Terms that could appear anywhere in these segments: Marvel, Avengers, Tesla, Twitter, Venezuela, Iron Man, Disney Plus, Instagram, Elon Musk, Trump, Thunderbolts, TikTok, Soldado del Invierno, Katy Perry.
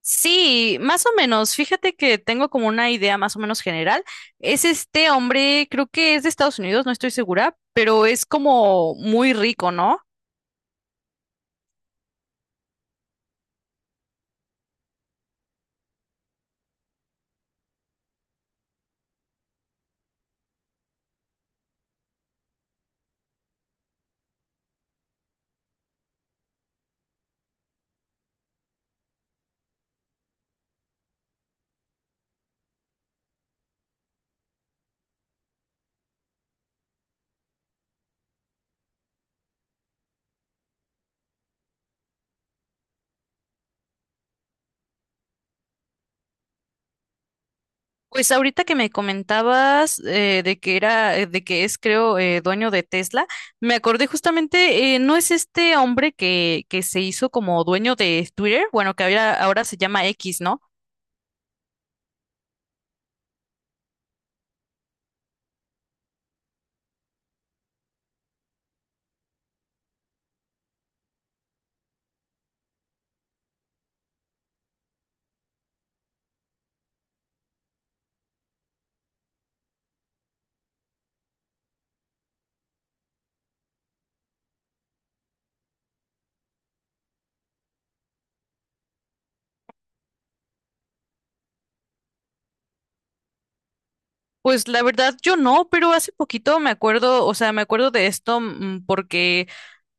Sí, más o menos. Fíjate que tengo como una idea más o menos general. Es este hombre, creo que es de Estados Unidos, no estoy segura, pero es como muy rico, ¿no? Pues ahorita que me comentabas de que era, de que es, creo, dueño de Tesla, me acordé justamente, ¿no es este hombre que se hizo como dueño de Twitter? Bueno, que ahora se llama X, ¿no? Pues la verdad yo no, pero hace poquito me acuerdo, o sea, me acuerdo de esto mm, porque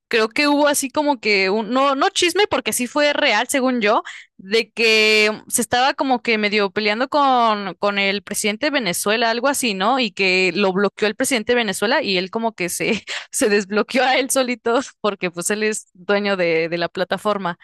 creo que hubo así como que un, no, no chisme, porque sí fue real, según yo, de que mm, se estaba como que medio peleando con el presidente de Venezuela, algo así, ¿no? Y que lo bloqueó el presidente de Venezuela y él como que se, se desbloqueó a él solito, porque pues él es dueño de la plataforma.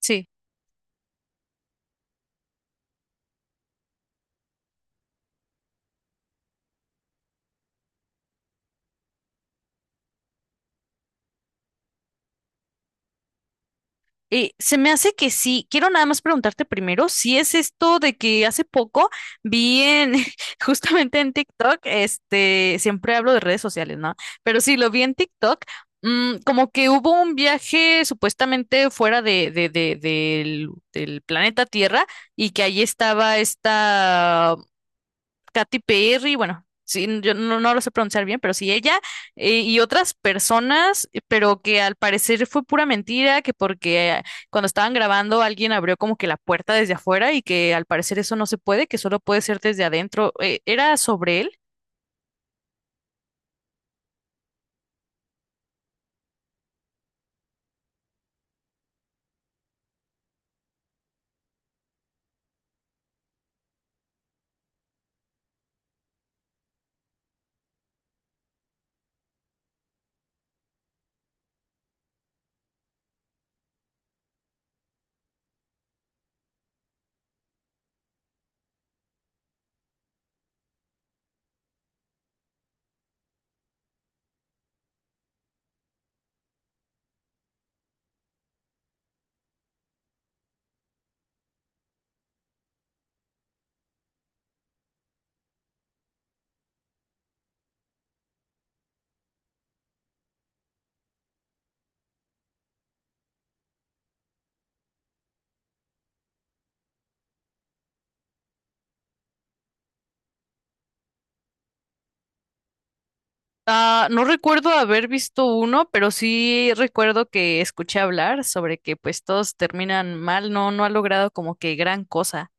Sí. Se me hace que sí. Quiero nada más preguntarte primero si es esto de que hace poco vi en, justamente en TikTok, este, siempre hablo de redes sociales, ¿no? Pero sí, lo vi en TikTok, mm, como que hubo un viaje supuestamente fuera del planeta Tierra y que ahí estaba esta Katy Perry, bueno, sí, yo no, no lo sé pronunciar bien, pero sí ella y otras personas, pero que al parecer fue pura mentira, que porque cuando estaban grabando alguien abrió como que la puerta desde afuera y que al parecer eso no se puede, que solo puede ser desde adentro. ¿era sobre él? Ah, no recuerdo haber visto uno, pero sí recuerdo que escuché hablar sobre que pues todos terminan mal, no, no ha logrado como que gran cosa.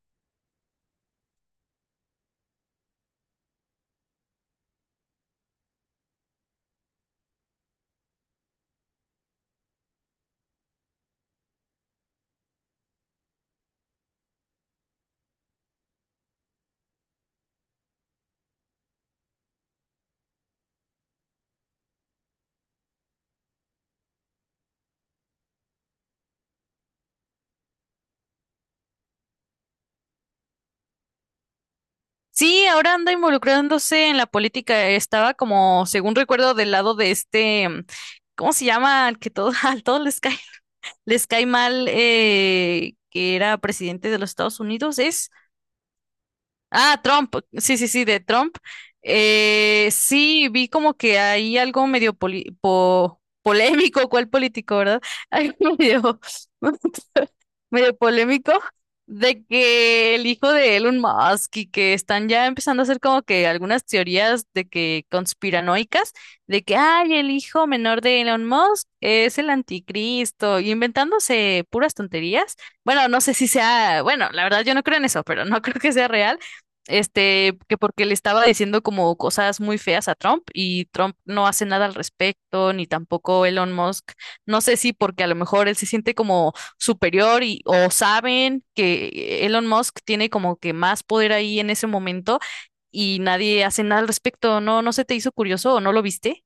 Sí, ahora anda involucrándose en la política. Estaba como, según recuerdo, del lado de este, mm, ¿cómo se llama? Al que todo, a todos les les cae mal, que era presidente de los Estados Unidos, ¿es? Ah, Trump, sí, de Trump. Sí, vi como que hay algo polémico, ¿cuál político, verdad? Algo medio, medio polémico de que el hijo de Elon Musk y que están ya empezando a hacer como que algunas teorías de que conspiranoicas, de que, ay, el hijo menor de Elon Musk es el anticristo, y inventándose puras tonterías. Bueno, no sé si sea, bueno, la verdad yo no creo en eso, pero no creo que sea real este, que porque le estaba diciendo como cosas muy feas a Trump y Trump no hace nada al respecto, ni tampoco Elon Musk. No sé si porque a lo mejor él se siente como superior y o saben que Elon Musk tiene como que más poder ahí en ese momento y nadie hace nada al respecto. ¿No, no se te hizo curioso o no lo viste?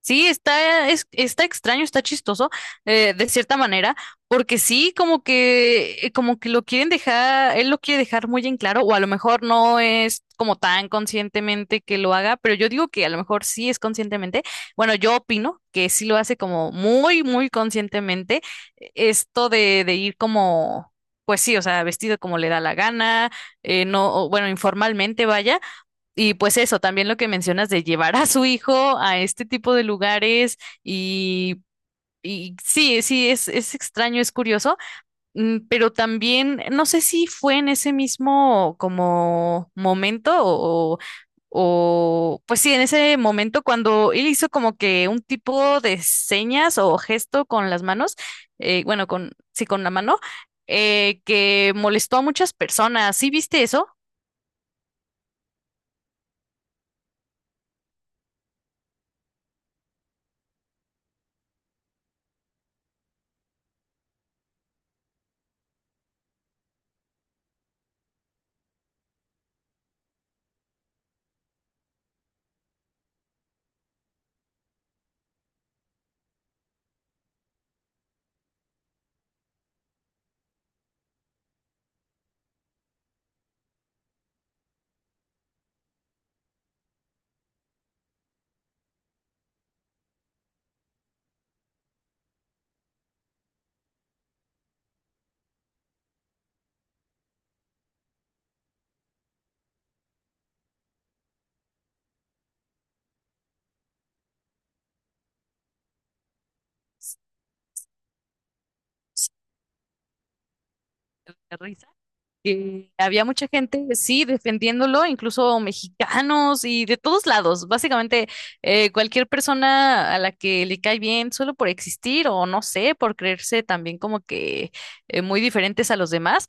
Sí, está extraño, está chistoso, de cierta manera, porque sí, como que lo quieren dejar, él lo quiere dejar muy en claro, o a lo mejor no es como tan conscientemente que lo haga, pero yo digo que a lo mejor sí es conscientemente. Bueno, yo opino que sí lo hace como muy conscientemente, esto de ir como, pues sí, o sea, vestido como le da la gana, no, o bueno, informalmente vaya y pues eso, también lo que mencionas de llevar a su hijo a este tipo de lugares y, y sí, sí, es extraño, es curioso, mm, pero también no sé si fue en ese mismo como momento o pues sí, en ese momento cuando él hizo como que un tipo de señas o gesto con las manos, bueno, con, sí, con la mano, que molestó a muchas personas. ¿Sí viste eso? De risa. Que había mucha gente, sí, defendiéndolo, incluso mexicanos y de todos lados. Básicamente, cualquier persona a la que le cae bien solo por existir o no sé, por creerse también como que muy diferentes a los demás.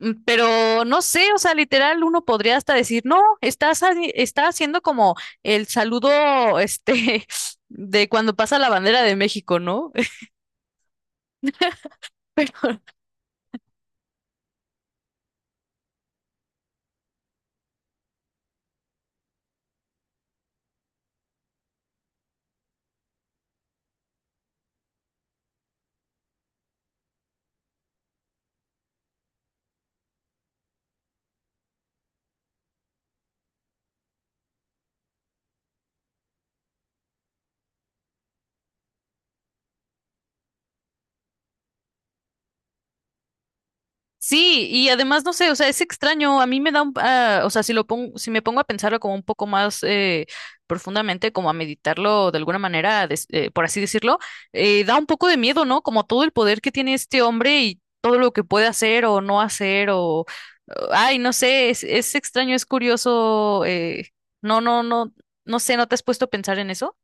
Mm, pero no sé, o sea, literal, uno podría hasta decir, no, está haciendo como el saludo, este, de cuando pasa la bandera de México, ¿no? Sí, y además no sé, o sea, es extraño, a mí me da un, ah, o sea, si lo pongo, si me pongo a pensarlo como un poco más profundamente, como a meditarlo de alguna manera, por así decirlo, da un poco de miedo, ¿no? Como todo el poder que tiene este hombre y todo lo que puede hacer o no hacer o, ay, no sé, es extraño, es curioso, no, no sé, ¿no te has puesto a pensar en eso?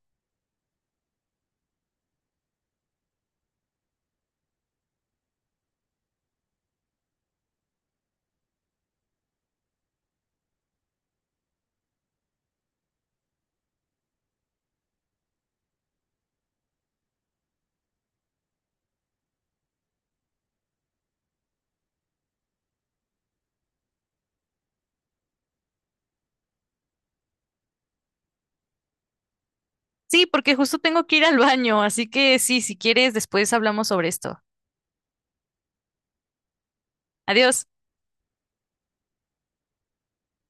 Sí, porque justo tengo que ir al baño, así que sí, si quieres, después hablamos sobre esto. Adiós.